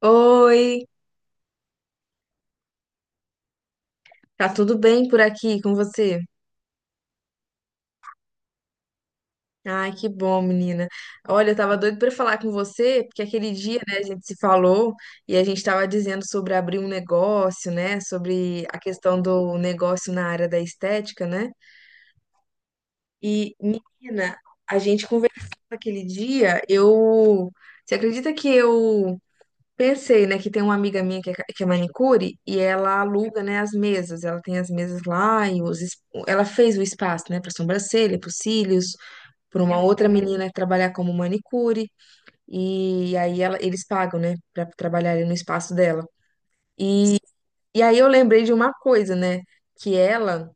Oi, tá tudo bem por aqui com você? Ai, que bom, menina. Olha, eu tava doido pra falar com você, porque aquele dia, né, a gente se falou e a gente tava dizendo sobre abrir um negócio, né, sobre a questão do negócio na área da estética, né? E, menina, a gente conversou aquele dia, Você acredita que eu pensei, né, que tem uma amiga minha que é manicure e ela aluga, né, as mesas. Ela tem as mesas lá e ela fez o espaço, né, para sobrancelha, para cílios, para uma outra menina que trabalhar como manicure e aí ela, eles pagam, né, para trabalhar ali no espaço dela. E, e aí eu lembrei de uma coisa, né, que ela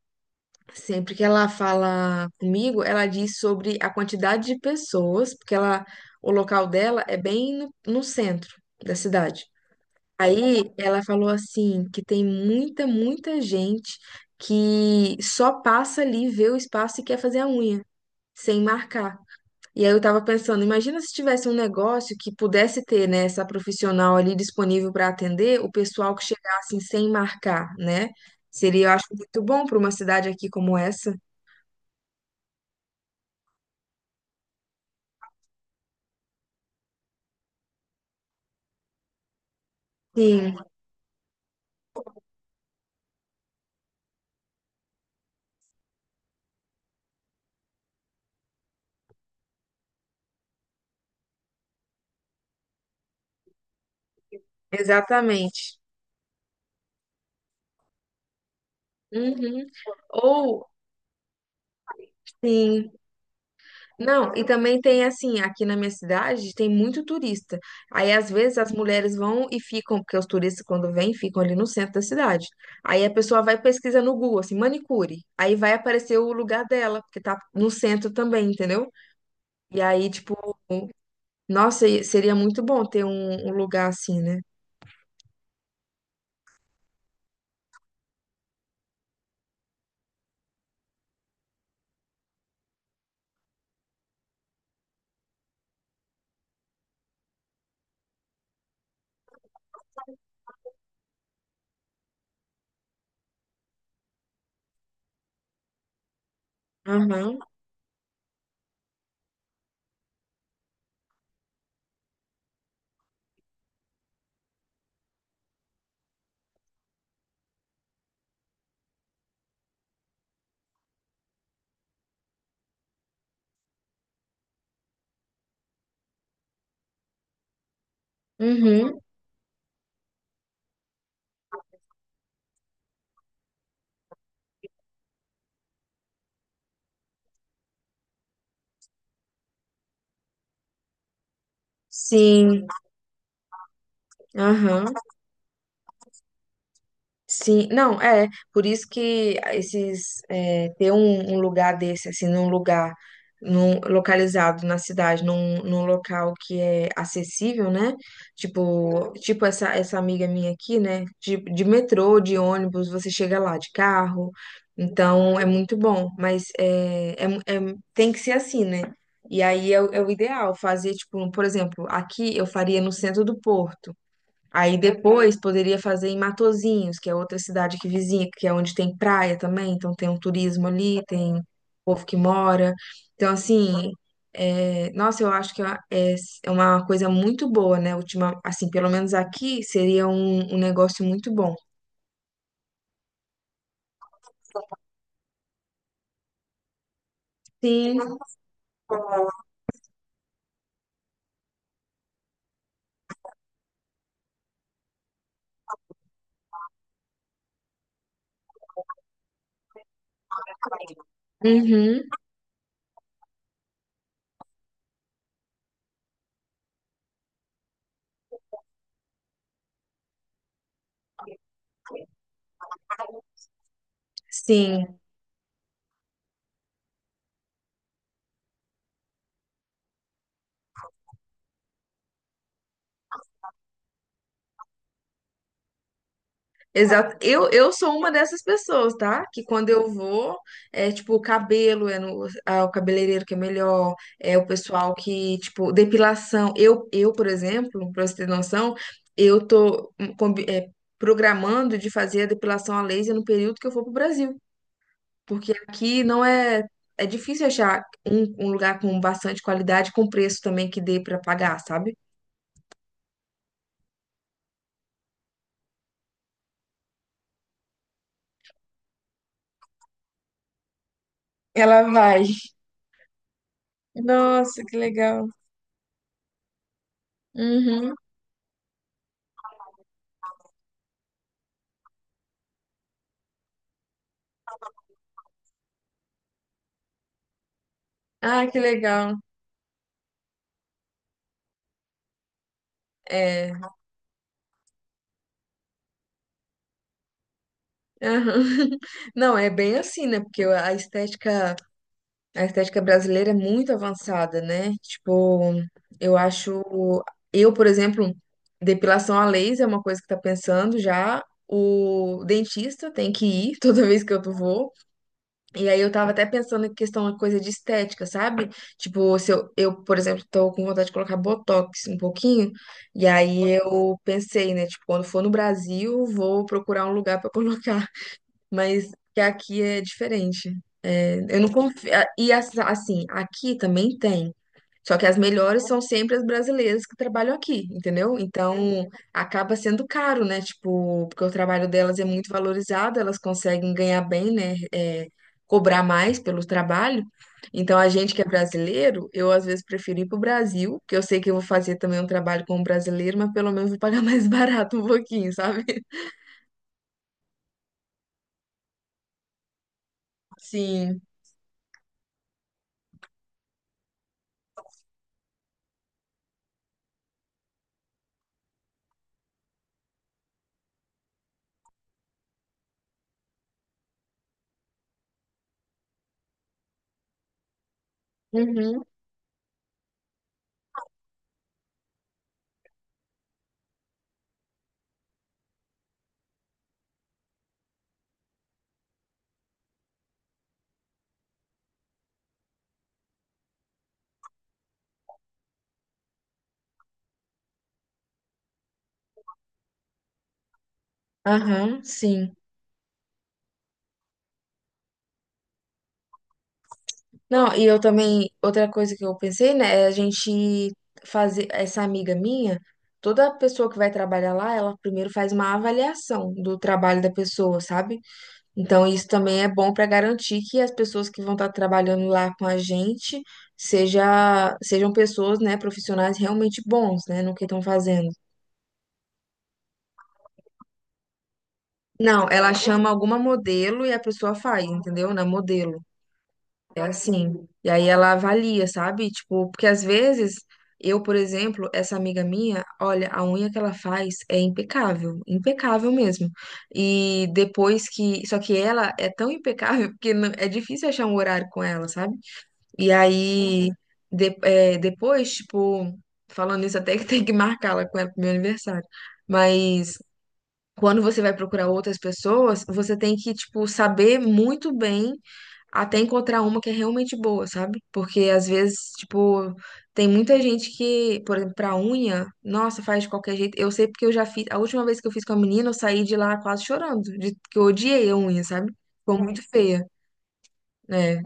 sempre que ela fala comigo, ela diz sobre a quantidade de pessoas, porque ela, o local dela é bem no centro da cidade. Aí ela falou assim que tem muita, muita gente que só passa ali, vê o espaço e quer fazer a unha, sem marcar. E aí eu tava pensando, imagina se tivesse um negócio que pudesse ter, né, essa profissional ali disponível para atender o pessoal que chegasse sem marcar, né? Seria, eu acho, muito bom para uma cidade aqui como essa. Sim, exatamente. Uhum. Ou, sim. Não, e também tem assim, aqui na minha cidade tem muito turista. Aí às vezes as mulheres vão e ficam, porque os turistas quando vêm ficam ali no centro da cidade. Aí a pessoa vai e pesquisa no Google, assim, manicure. Aí vai aparecer o lugar dela, porque tá no centro também, entendeu? E aí, tipo, nossa, e seria muito bom ter um lugar assim, né? Aham, uhum, sim, aham. Sim, não, é, por isso que esses, é, ter um lugar desse, assim, num lugar num, localizado na cidade, num, num local que é acessível, né? Tipo, tipo essa, essa amiga minha aqui, né? De metrô, de ônibus, você chega lá de carro, então é muito bom, mas é, é, tem que ser assim, né? E aí é, o é o ideal, fazer, tipo, por exemplo, aqui eu faria no centro do Porto. Aí depois poderia fazer em Matozinhos, que é outra cidade que vizinha, que é onde tem praia também, então tem um turismo ali, tem povo que mora. Então, assim, é, nossa, eu acho que é uma coisa muito boa, né? Ultima, assim, pelo menos aqui seria um, um negócio muito bom. Sim, uhum, sim. Exato. Eu sou uma dessas pessoas, tá? Que quando eu vou, é tipo, o cabelo é no, ah, o cabeleireiro que é melhor, é o pessoal que, tipo, depilação. Eu, por exemplo, pra você ter noção, eu tô programando de fazer a depilação a laser no período que eu for pro Brasil, porque aqui não é, é difícil achar um, um lugar com bastante qualidade, com preço também que dê pra pagar, sabe? Ela vai. Nossa, que legal. Uhum. Ah, que legal. É. Aham. Não, é bem assim, né? Porque a estética brasileira é muito avançada, né? Tipo, eu acho, eu, por exemplo, depilação a laser é uma coisa que tá pensando já. O dentista tem que ir toda vez que eu vou. E aí eu tava até pensando em questão de coisa de estética, sabe? Tipo, se eu, por exemplo, tô com vontade de colocar botox um pouquinho. E aí eu pensei, né? Tipo, quando for no Brasil, vou procurar um lugar pra colocar, mas que aqui é diferente. É, eu não confio. Assim, aqui também tem. Só que as melhores são sempre as brasileiras que trabalham aqui, entendeu? Então acaba sendo caro, né? Tipo, porque o trabalho delas é muito valorizado, elas conseguem ganhar bem, né? É, cobrar mais pelo trabalho. Então a gente que é brasileiro, eu às vezes prefiro ir pro Brasil, que eu sei que eu vou fazer também um trabalho como brasileiro, mas pelo menos vou pagar mais barato um pouquinho, sabe? Sim. Uhum. Aham, sim. Não, e eu também, outra coisa que eu pensei, né, é a gente fazer, essa amiga minha, toda pessoa que vai trabalhar lá, ela primeiro faz uma avaliação do trabalho da pessoa, sabe? Então, isso também é bom para garantir que as pessoas que vão estar trabalhando lá com a gente sejam pessoas, né, profissionais realmente bons, né, no que estão fazendo. Não, ela chama alguma modelo e a pessoa faz, entendeu? Na modelo. É assim. E aí ela avalia, sabe? Tipo, porque às vezes eu, por exemplo, essa amiga minha, olha, a unha que ela faz é impecável, impecável mesmo. E depois que, só que ela é tão impecável que é difícil achar um horário com ela, sabe? E aí depois, tipo, falando isso até que tem que marcar ela com ela pro meu aniversário. Mas quando você vai procurar outras pessoas, você tem que, tipo, saber muito bem até encontrar uma que é realmente boa, sabe? Porque às vezes, tipo, tem muita gente que, por exemplo, pra unha, nossa, faz de qualquer jeito. Eu sei porque eu já fiz, a última vez que eu fiz com a menina, eu saí de lá quase chorando, de que eu odiei a unha, sabe? Ficou muito feia, né?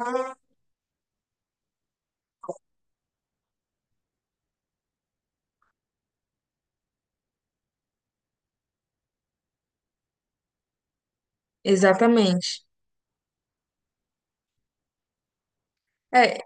Exatamente. É.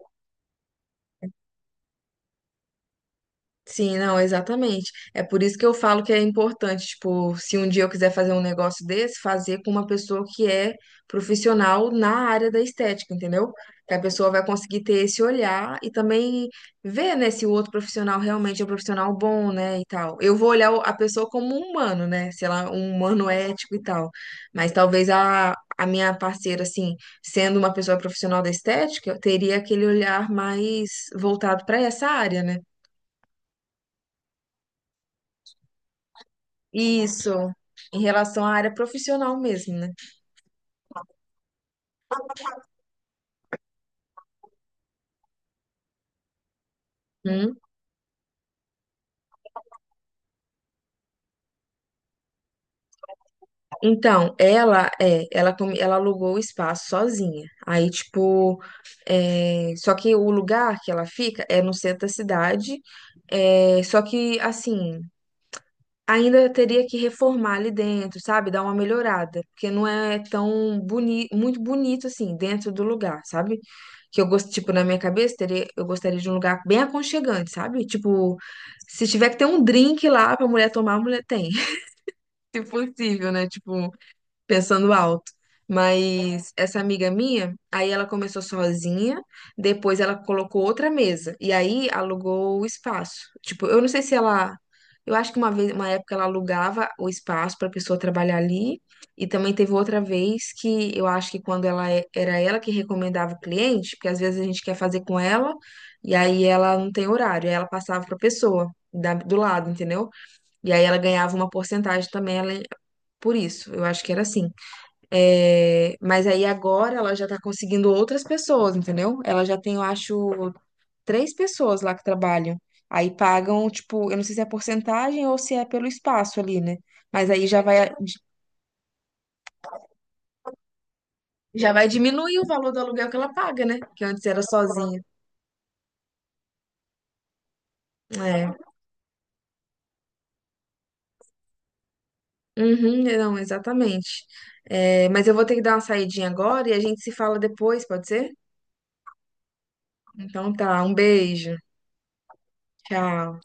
Sim, não, exatamente. É por isso que eu falo que é importante, tipo, se um dia eu quiser fazer um negócio desse, fazer com uma pessoa que é profissional na área da estética, entendeu? Que a pessoa vai conseguir ter esse olhar e também ver, né, se o outro profissional realmente é um profissional bom, né, e tal. Eu vou olhar a pessoa como um humano, né, sei lá, um humano ético e tal. Mas talvez a minha parceira, assim, sendo uma pessoa profissional da estética, eu teria aquele olhar mais voltado para essa área, né? Isso, em relação à área profissional mesmo, né? Hum. Então, ela é, ela, come- ela alugou o espaço sozinha. Aí, tipo, é, só que o lugar que ela fica é no centro da cidade. É, só que, assim, ainda teria que reformar ali dentro, sabe? Dar uma melhorada, porque não é tão boni muito bonito assim dentro do lugar, sabe? Que eu gosto, tipo, na minha cabeça, teria, eu gostaria de um lugar bem aconchegante, sabe? Tipo, se tiver que ter um drink lá pra mulher tomar, a mulher tem, se possível, né? Tipo, pensando alto. Mas essa amiga minha, aí ela começou sozinha, depois ela colocou outra mesa e aí alugou o espaço. Tipo, eu não sei se ela, eu acho que uma vez, uma época ela alugava o espaço para pessoa trabalhar ali, e também teve outra vez que eu acho que quando era ela que recomendava o cliente, porque às vezes a gente quer fazer com ela e aí ela não tem horário, aí ela passava para pessoa do lado, entendeu? E aí ela ganhava uma porcentagem também ela, por isso. Eu acho que era assim. É, mas aí agora ela já tá conseguindo outras pessoas, entendeu? Ela já tem, eu acho, três pessoas lá que trabalham. Aí pagam, tipo, eu não sei se é porcentagem ou se é pelo espaço ali, né? Mas aí já vai diminuir o valor do aluguel que ela paga, né? Que antes era sozinha. É. Uhum, não, exatamente. É, mas eu vou ter que dar uma saidinha agora e a gente se fala depois, pode ser? Então tá, um beijo. Tchau.